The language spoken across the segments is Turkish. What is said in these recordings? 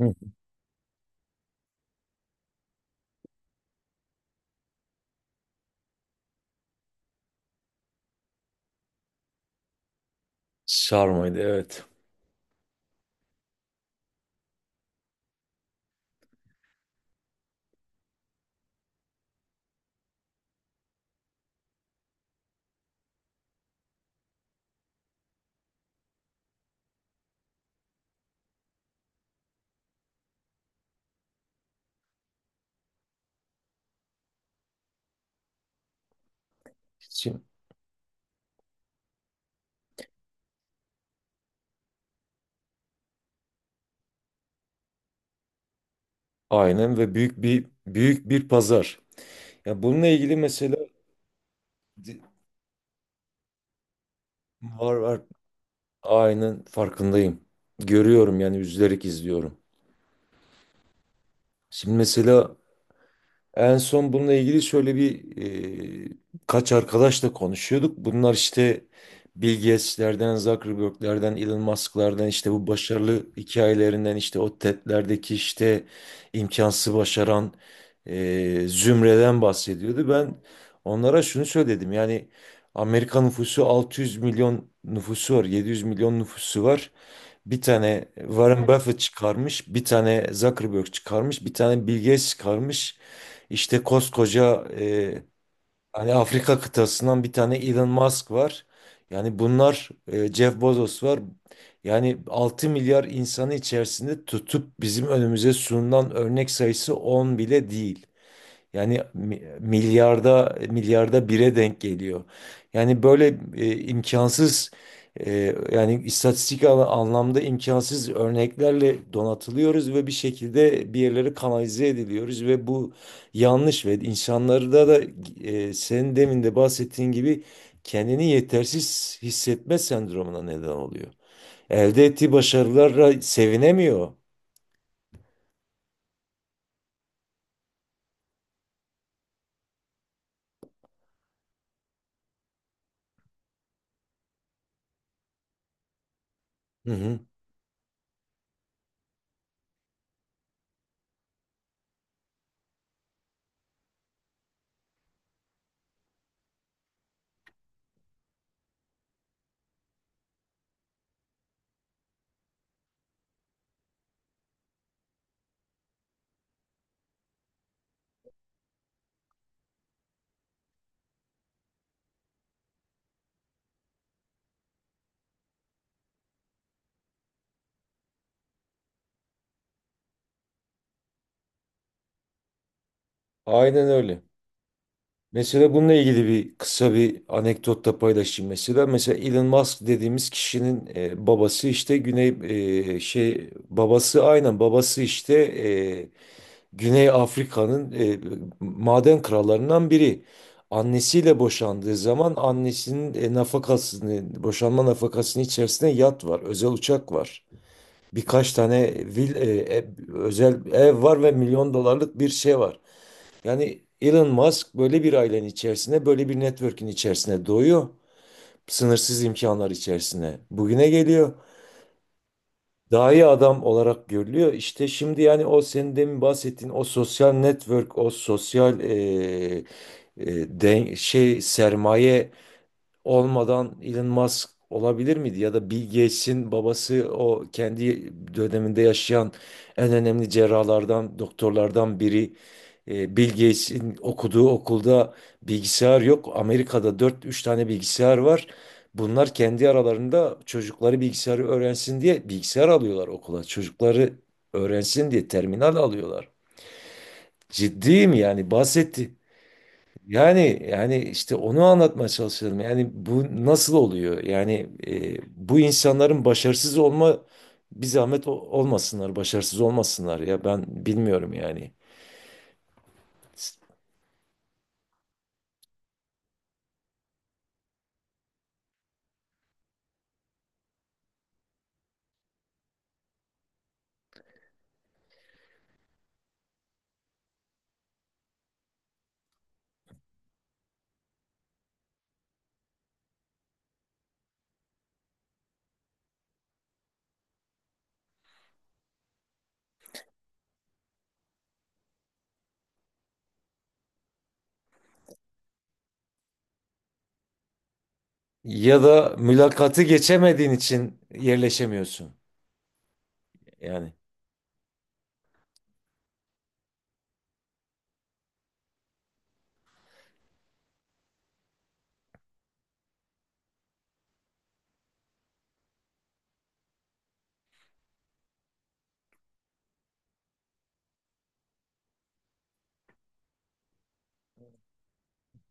Hı. Sarmaydı, evet. Şimdi, aynen, ve büyük bir pazar. Ya bununla ilgili mesela di- var var, aynen farkındayım. Görüyorum, yani üzülerek izliyorum. Şimdi mesela en son bununla ilgili şöyle bir e, kaç arkadaşla konuşuyorduk. Bunlar işte Bill Gates'lerden, Zuckerberg'lerden, Elon Musk'lardan, işte bu başarılı hikayelerinden, işte o TED'lerdeki işte imkansız başaran zümreden bahsediyordu. Ben onlara şunu söyledim, yani Amerika nüfusu 600 milyon nüfusu var, 700 milyon nüfusu var. Bir tane Warren Buffett çıkarmış, bir tane Zuckerberg çıkarmış, bir tane Bill Gates çıkarmış. İşte koskoca hani Afrika kıtasından bir tane Elon Musk var. Yani bunlar Jeff Bezos var. Yani 6 milyar insanı içerisinde tutup bizim önümüze sunulan örnek sayısı 10 bile değil. Yani milyarda milyarda bire denk geliyor. Yani böyle imkansız yani anlamda imkansız örneklerle donatılıyoruz ve bir şekilde bir yerlere kanalize ediliyoruz ve bu yanlış ve insanları da senin demin de bahsettiğin gibi kendini yetersiz hissetme sendromuna neden oluyor. Elde ettiği başarılara sevinemiyor. Hı hı. Aynen öyle. Mesela bununla ilgili bir kısa bir anekdot da paylaşayım mesela. Mesela Elon Musk dediğimiz kişinin babası işte Güney babası, aynen, babası işte Güney Afrika'nın maden krallarından biri. Annesiyle boşandığı zaman annesinin nafakasını, boşanma nafakasının içerisinde yat var, özel uçak var. Birkaç tane vil, e, e, özel ev var ve milyon dolarlık bir şey var. Yani Elon Musk böyle bir ailenin içerisine, böyle bir network'ün içerisine doğuyor. Sınırsız imkanlar içerisine bugüne geliyor. Daha iyi adam olarak görülüyor. İşte şimdi, yani o senin demin bahsettiğin o sosyal network, o sosyal sermaye olmadan Elon Musk olabilir miydi? Ya da Bill Gates'in babası o kendi döneminde yaşayan en önemli cerrahlardan, doktorlardan biri. Bill Gates'in okuduğu okulda bilgisayar yok. Amerika'da dört üç tane bilgisayar var. Bunlar kendi aralarında çocukları bilgisayarı öğrensin diye bilgisayar alıyorlar okula. Çocukları öğrensin diye terminal alıyorlar. Ciddiyim, yani bahsetti. Yani işte onu anlatmaya çalışıyorum. Yani bu nasıl oluyor? Yani bu insanların başarısız olma bir zahmet olmasınlar, başarısız olmasınlar, ya ben bilmiyorum yani. Ya da mülakatı geçemediğin için yerleşemiyorsun. Yani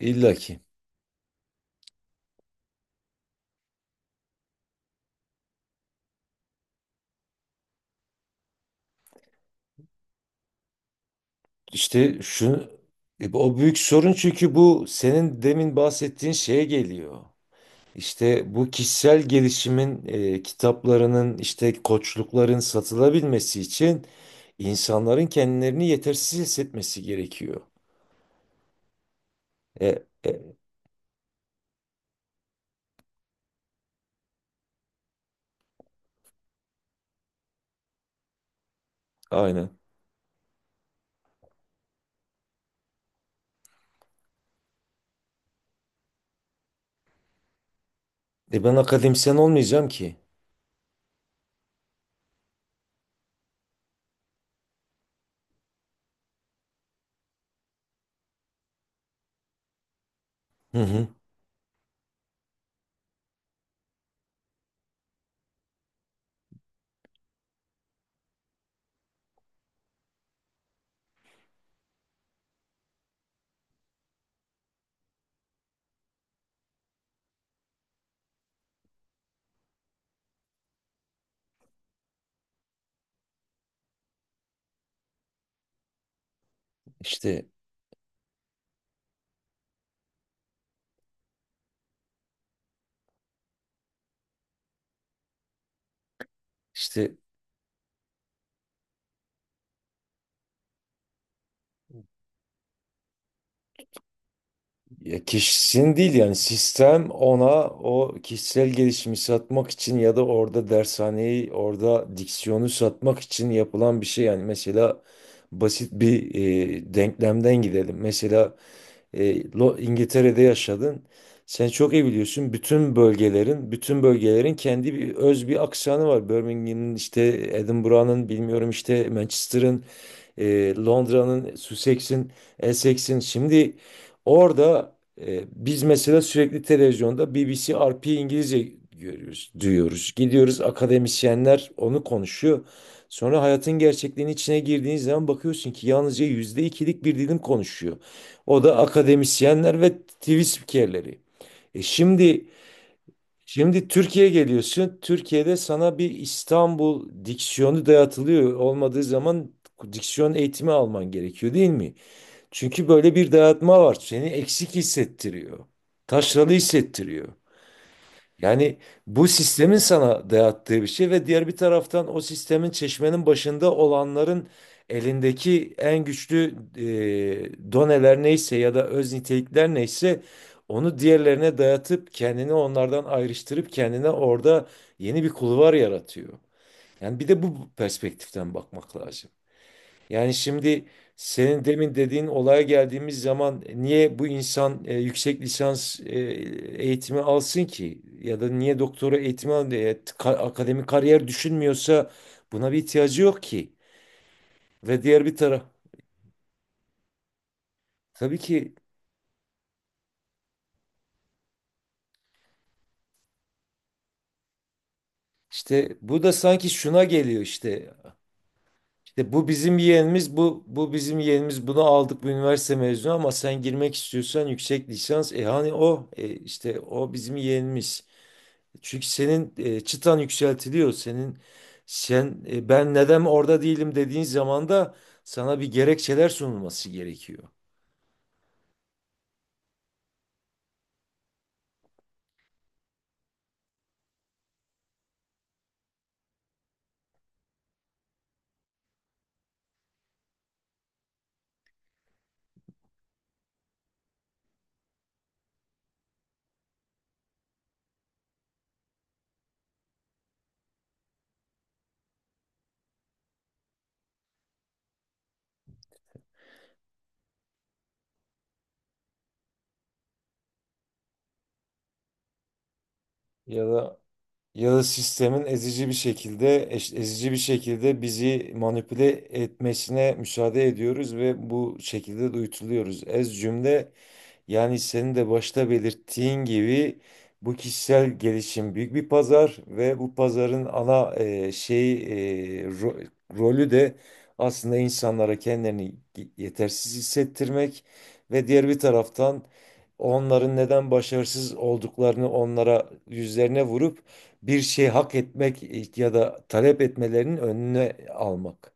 illaki. İşte şu o büyük sorun, çünkü bu senin demin bahsettiğin şeye geliyor. İşte bu kişisel gelişimin kitaplarının, işte koçlukların satılabilmesi için insanların kendilerini yetersiz hissetmesi gerekiyor. E, e, aynen. E ben akademisyen olmayacağım ki. Hı hı. İşte işte ya kişinin değil, yani sistem ona o kişisel gelişimi satmak için ya da orada dershaneyi, orada diksiyonu satmak için yapılan bir şey. Yani mesela basit bir denklemden gidelim. Mesela, İngiltere'de yaşadın. Sen çok iyi biliyorsun. Bütün bölgelerin kendi bir öz bir aksanı var. Birmingham'ın, işte Edinburgh'ın, bilmiyorum, işte Manchester'ın, Londra'nın, Sussex'in, Essex'in. Şimdi orada biz mesela sürekli televizyonda BBC RP İngilizce görüyoruz, duyuyoruz. Gidiyoruz, akademisyenler onu konuşuyor. Sonra hayatın gerçekliğinin içine girdiğiniz zaman bakıyorsun ki yalnızca yüzde ikilik bir dilim konuşuyor. O da akademisyenler ve TV spikerleri. E şimdi Şimdi Türkiye'ye geliyorsun. Türkiye'de sana bir İstanbul diksiyonu dayatılıyor. Olmadığı zaman diksiyon eğitimi alman gerekiyor, değil mi? Çünkü böyle bir dayatma var. Seni eksik hissettiriyor. Taşralı hissettiriyor. Yani bu sistemin sana dayattığı bir şey ve diğer bir taraftan o sistemin çeşmenin başında olanların elindeki en güçlü doneler neyse ya da öz nitelikler neyse, onu diğerlerine dayatıp kendini onlardan ayrıştırıp kendine orada yeni bir kulvar yaratıyor. Yani bir de bu perspektiften bakmak lazım. Yani şimdi, senin demin dediğin olaya geldiğimiz zaman niye bu insan yüksek lisans eğitimi alsın ki? Ya da niye doktora eğitimi akademik kariyer düşünmüyorsa, buna bir ihtiyacı yok ki. Ve diğer bir taraf, tabii ki işte bu da sanki şuna geliyor işte. İşte bu bizim yeğenimiz, bu bizim yeğenimiz, bunu aldık, bu üniversite mezunu, ama sen girmek istiyorsan yüksek lisans, hani işte o bizim yeğenimiz. Çünkü senin çıtan yükseltiliyor. Ben neden orada değilim dediğin zaman da sana bir gerekçeler sunulması gerekiyor. Ya da ya da sistemin ezici bir şekilde ezici bir şekilde bizi manipüle etmesine müsaade ediyoruz ve bu şekilde de uyutuluyoruz. Ez cümle, yani senin de başta belirttiğin gibi bu kişisel gelişim büyük bir pazar ve bu pazarın ana e, ro- rolü de aslında insanlara kendilerini yetersiz hissettirmek ve diğer bir taraftan onların neden başarısız olduklarını onlara, yüzlerine vurup bir şey hak etmek ya da talep etmelerinin önüne almak.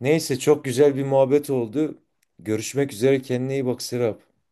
Neyse, çok güzel bir muhabbet oldu. Görüşmek üzere, kendine iyi bak Serap.